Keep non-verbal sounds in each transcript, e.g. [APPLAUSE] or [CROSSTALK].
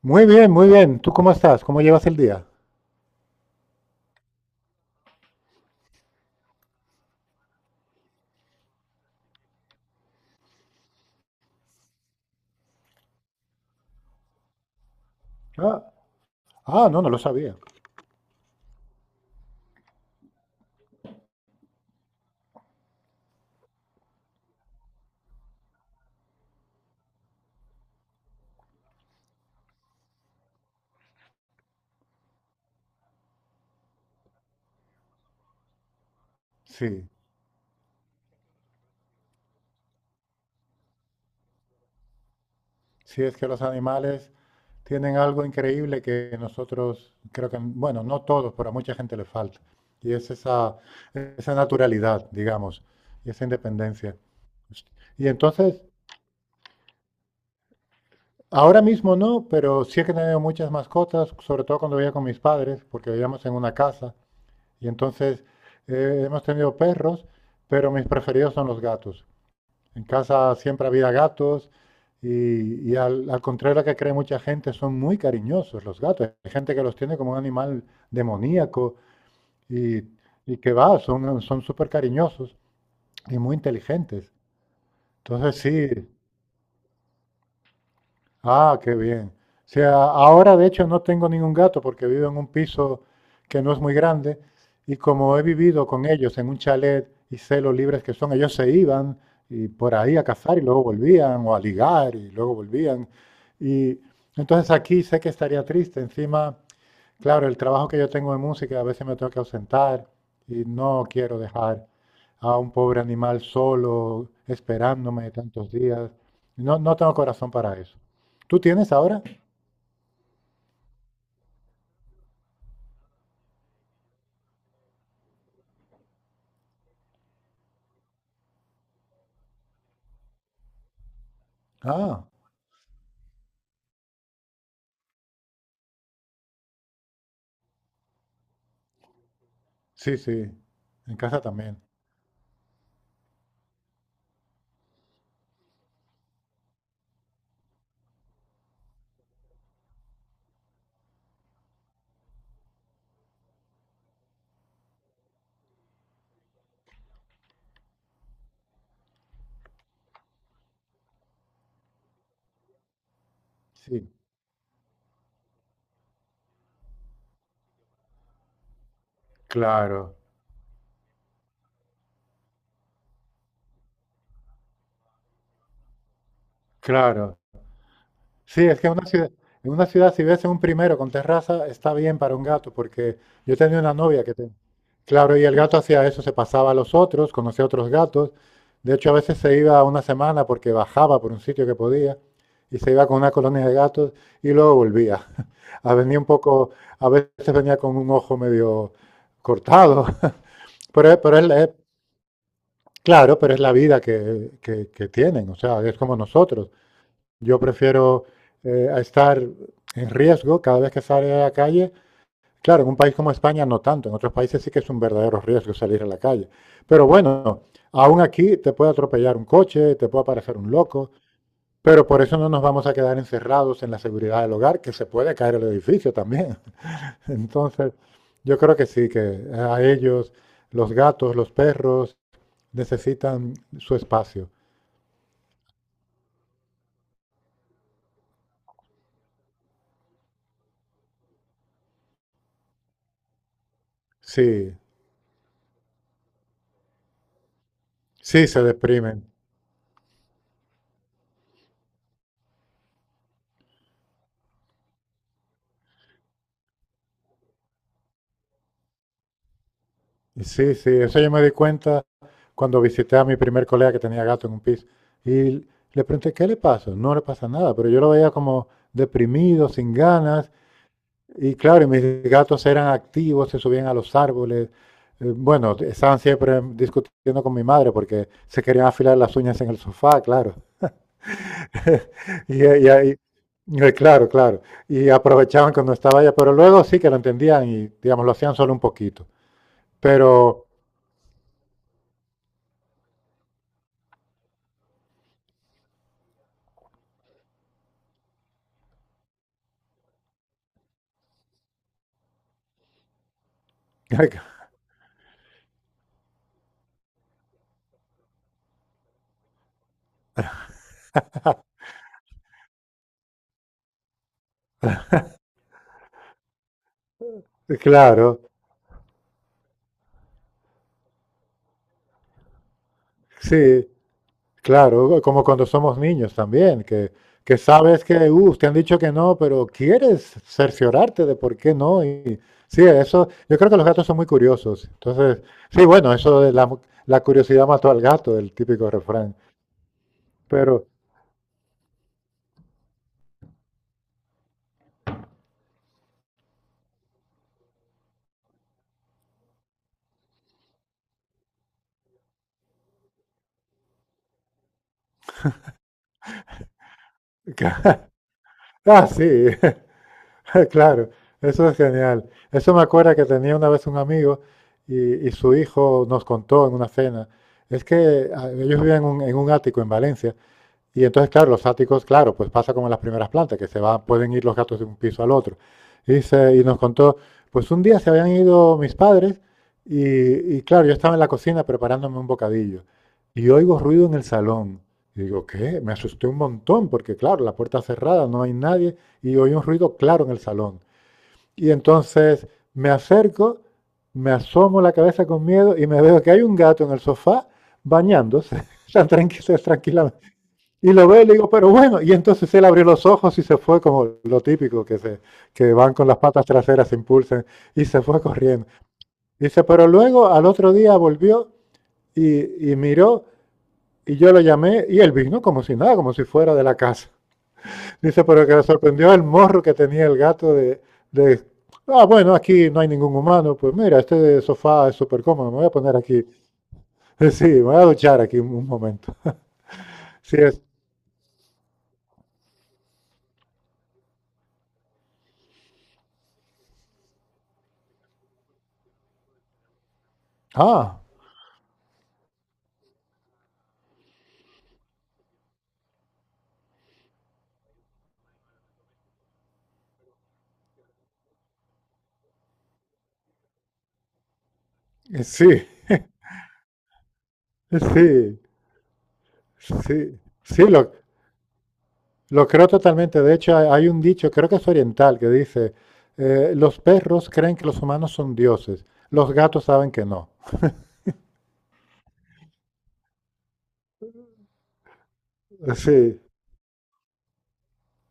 Muy bien, muy bien. ¿Tú cómo estás? ¿Cómo llevas el día? Ah, ah, no, no lo sabía. Sí, sí, es que los animales tienen algo increíble que nosotros, creo que, bueno, no todos, pero a mucha gente le falta. Y es esa, esa naturalidad, digamos, y esa independencia. Y entonces, ahora mismo no, pero sí que he tenido muchas mascotas, sobre todo cuando vivía con mis padres, porque vivíamos en una casa. Y entonces hemos tenido perros, pero mis preferidos son los gatos. En casa siempre había gatos y al, al contrario de lo que cree mucha gente, son muy cariñosos los gatos. Hay gente que los tiene como un animal demoníaco y, y que va, son súper cariñosos y muy inteligentes. Entonces sí. Ah, qué bien. O sea, ahora de hecho no tengo ningún gato porque vivo en un piso que no es muy grande, y como he vivido con ellos en un chalet y sé lo libres que son, ellos se iban y por ahí a cazar y luego volvían, o a ligar y luego volvían. Y entonces aquí sé que estaría triste. Encima, claro, el trabajo que yo tengo de música, a veces me tengo que ausentar y no quiero dejar a un pobre animal solo, esperándome tantos días. No, no tengo corazón para eso. ¿Tú tienes ahora? Ah, sí, sí, en casa también. Sí, claro, claro. Sí, es que en una ciudad si ves un primero con terraza, está bien para un gato, porque yo tenía una novia que te- Claro, y el gato hacía eso, se pasaba a los otros, conocía a otros gatos. De hecho, a veces se iba una semana porque bajaba por un sitio que podía y se iba con una colonia de gatos y luego volvía. [LAUGHS] A venía un poco, a veces venía con un ojo medio cortado. [LAUGHS] Pero es, la- es- claro, pero es la vida que tienen, o sea, es como nosotros. Yo prefiero a estar en riesgo cada vez que sale a la calle. Claro, en un país como España no tanto, en otros países sí que es un verdadero riesgo salir a la calle. Pero bueno, aún aquí te puede atropellar un coche, te puede aparecer un loco, pero por eso no nos vamos a quedar encerrados en la seguridad del hogar, que se puede caer el edificio también. [LAUGHS] Entonces, yo creo que sí, que a ellos, los gatos, los perros, necesitan su espacio. Sí, sí se deprimen. Sí, sí, eso yo me di cuenta cuando visité a mi primer colega que tenía gato en un piso y le pregunté, ¿qué le pasa? No le pasa nada, pero yo lo veía como deprimido, sin ganas. Y claro, y mis gatos eran activos, se subían a los árboles. Bueno, estaban siempre discutiendo con mi madre porque se querían afilar las uñas en el sofá, claro. [LAUGHS] Y, y ahí, claro, claro. Y aprovechaban cuando estaba ella, pero luego sí que lo entendían y, digamos, lo hacían solo un poquito. Pero, [LAUGHS] claro. Sí, claro, como cuando somos niños también, que sabes que te han dicho que no, pero quieres cerciorarte de por qué no. Y sí, eso, yo creo que los gatos son muy curiosos. Entonces, sí, bueno, eso de la, la curiosidad mató al gato, el típico refrán. Pero, [LAUGHS] ah, sí, [LAUGHS] claro, eso es genial. Eso me acuerda que tenía una vez un amigo y su hijo nos contó en una cena. Es que ellos vivían en un ático en Valencia. Y entonces, claro, los áticos, claro, pues pasa como en las primeras plantas, que se van, pueden ir los gatos de un piso al otro. Y, se y nos contó, pues un día se habían ido mis padres y claro, yo estaba en la cocina preparándome un bocadillo y oigo ruido en el salón. Y digo, ¿qué? Me asusté un montón porque claro, la puerta cerrada, no hay nadie y oí un ruido claro en el salón. Y entonces me acerco, me asomo la cabeza con miedo y me veo que hay un gato en el sofá bañándose, [LAUGHS] tan tranquilo, tranquila, y lo ve y le digo, pero bueno, y entonces él abrió los ojos y se fue como lo típico, que, se, que van con las patas traseras, se impulsan, y se fue corriendo. Dice, pero luego al otro día volvió y miró, y yo lo llamé, y él vino como si nada, como si fuera de la casa. [LAUGHS] Dice, pero que le sorprendió el morro que tenía el gato de bueno, aquí no hay ningún humano, pues mira, este sofá es súper cómodo, me voy a poner aquí, [LAUGHS] sí, me voy a duchar aquí un momento. Sí, es, ah, sí, [LAUGHS] sí. Sí, sí, lo creo totalmente. De hecho, hay un dicho, creo que es oriental, que dice, los perros creen que los humanos son dioses, los gatos saben que no. Sí,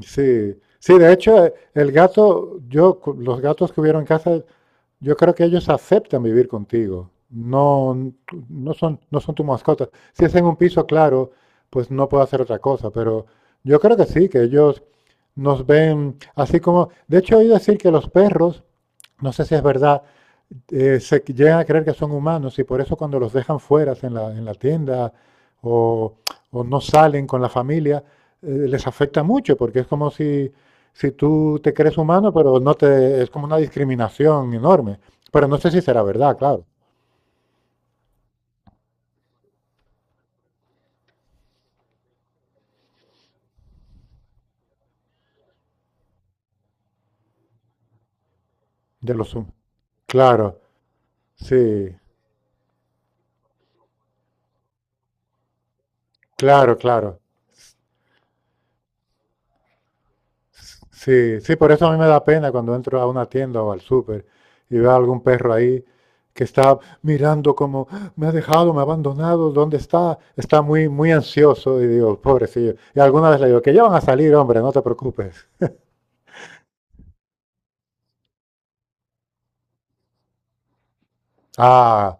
sí. Sí, de hecho, el gato, yo, cu- los gatos que hubieron en casa, yo creo que ellos aceptan vivir contigo. No, no son, no son tu mascota. Si es en un piso, claro, pues no puedo hacer otra cosa. Pero yo creo que sí, que ellos nos ven así como... De hecho, oí decir que los perros, no sé si es verdad, se llegan a creer que son humanos y por eso cuando los dejan fuera en la tienda o, o no salen con la familia, les afecta mucho porque es como si si tú te crees humano, pero no te, es como una discriminación enorme. Pero no sé si será verdad, claro, de los hum- Claro, sí, claro, claro. Sí, sí, por eso a mí me da pena cuando entro a una tienda o al súper y veo a algún perro ahí que está mirando como, "Ah, me ha dejado, me ha abandonado, ¿dónde está?" Está muy, muy ansioso y digo, pobrecillo. Y alguna vez le digo, que ya van a salir, hombre, no te preocupes. Ah,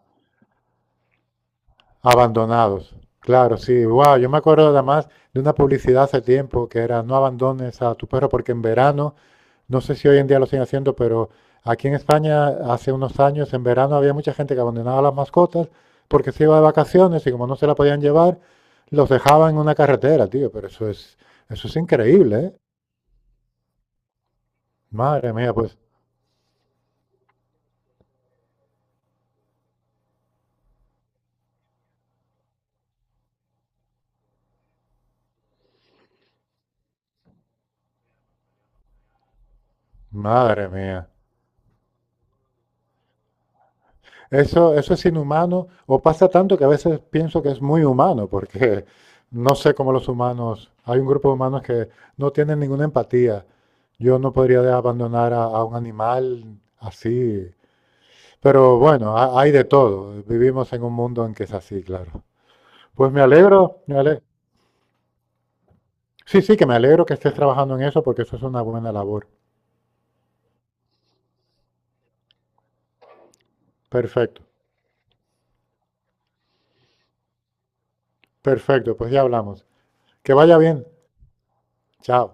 abandonados. Claro, sí, wow, yo me acuerdo además de una publicidad hace tiempo que era no abandones a tu perro porque en verano, no sé si hoy en día lo siguen haciendo, pero aquí en España hace unos años en verano había mucha gente que abandonaba a las mascotas porque se iba de vacaciones y como no se la podían llevar, los dejaban en una carretera, tío, pero eso es increíble, ¿eh? Madre mía, pues, madre mía. Eso es inhumano, o pasa tanto que a veces pienso que es muy humano, porque no sé cómo los humanos, hay un grupo de humanos que no tienen ninguna empatía. Yo no podría de- abandonar a un animal así, pero bueno, ha- hay de todo. Vivimos en un mundo en que es así, claro. Pues me alegro, me ale- Sí, sí, que me alegro que estés trabajando en eso porque eso es una buena labor. Perfecto, perfecto, pues ya hablamos. Que vaya bien. Chao.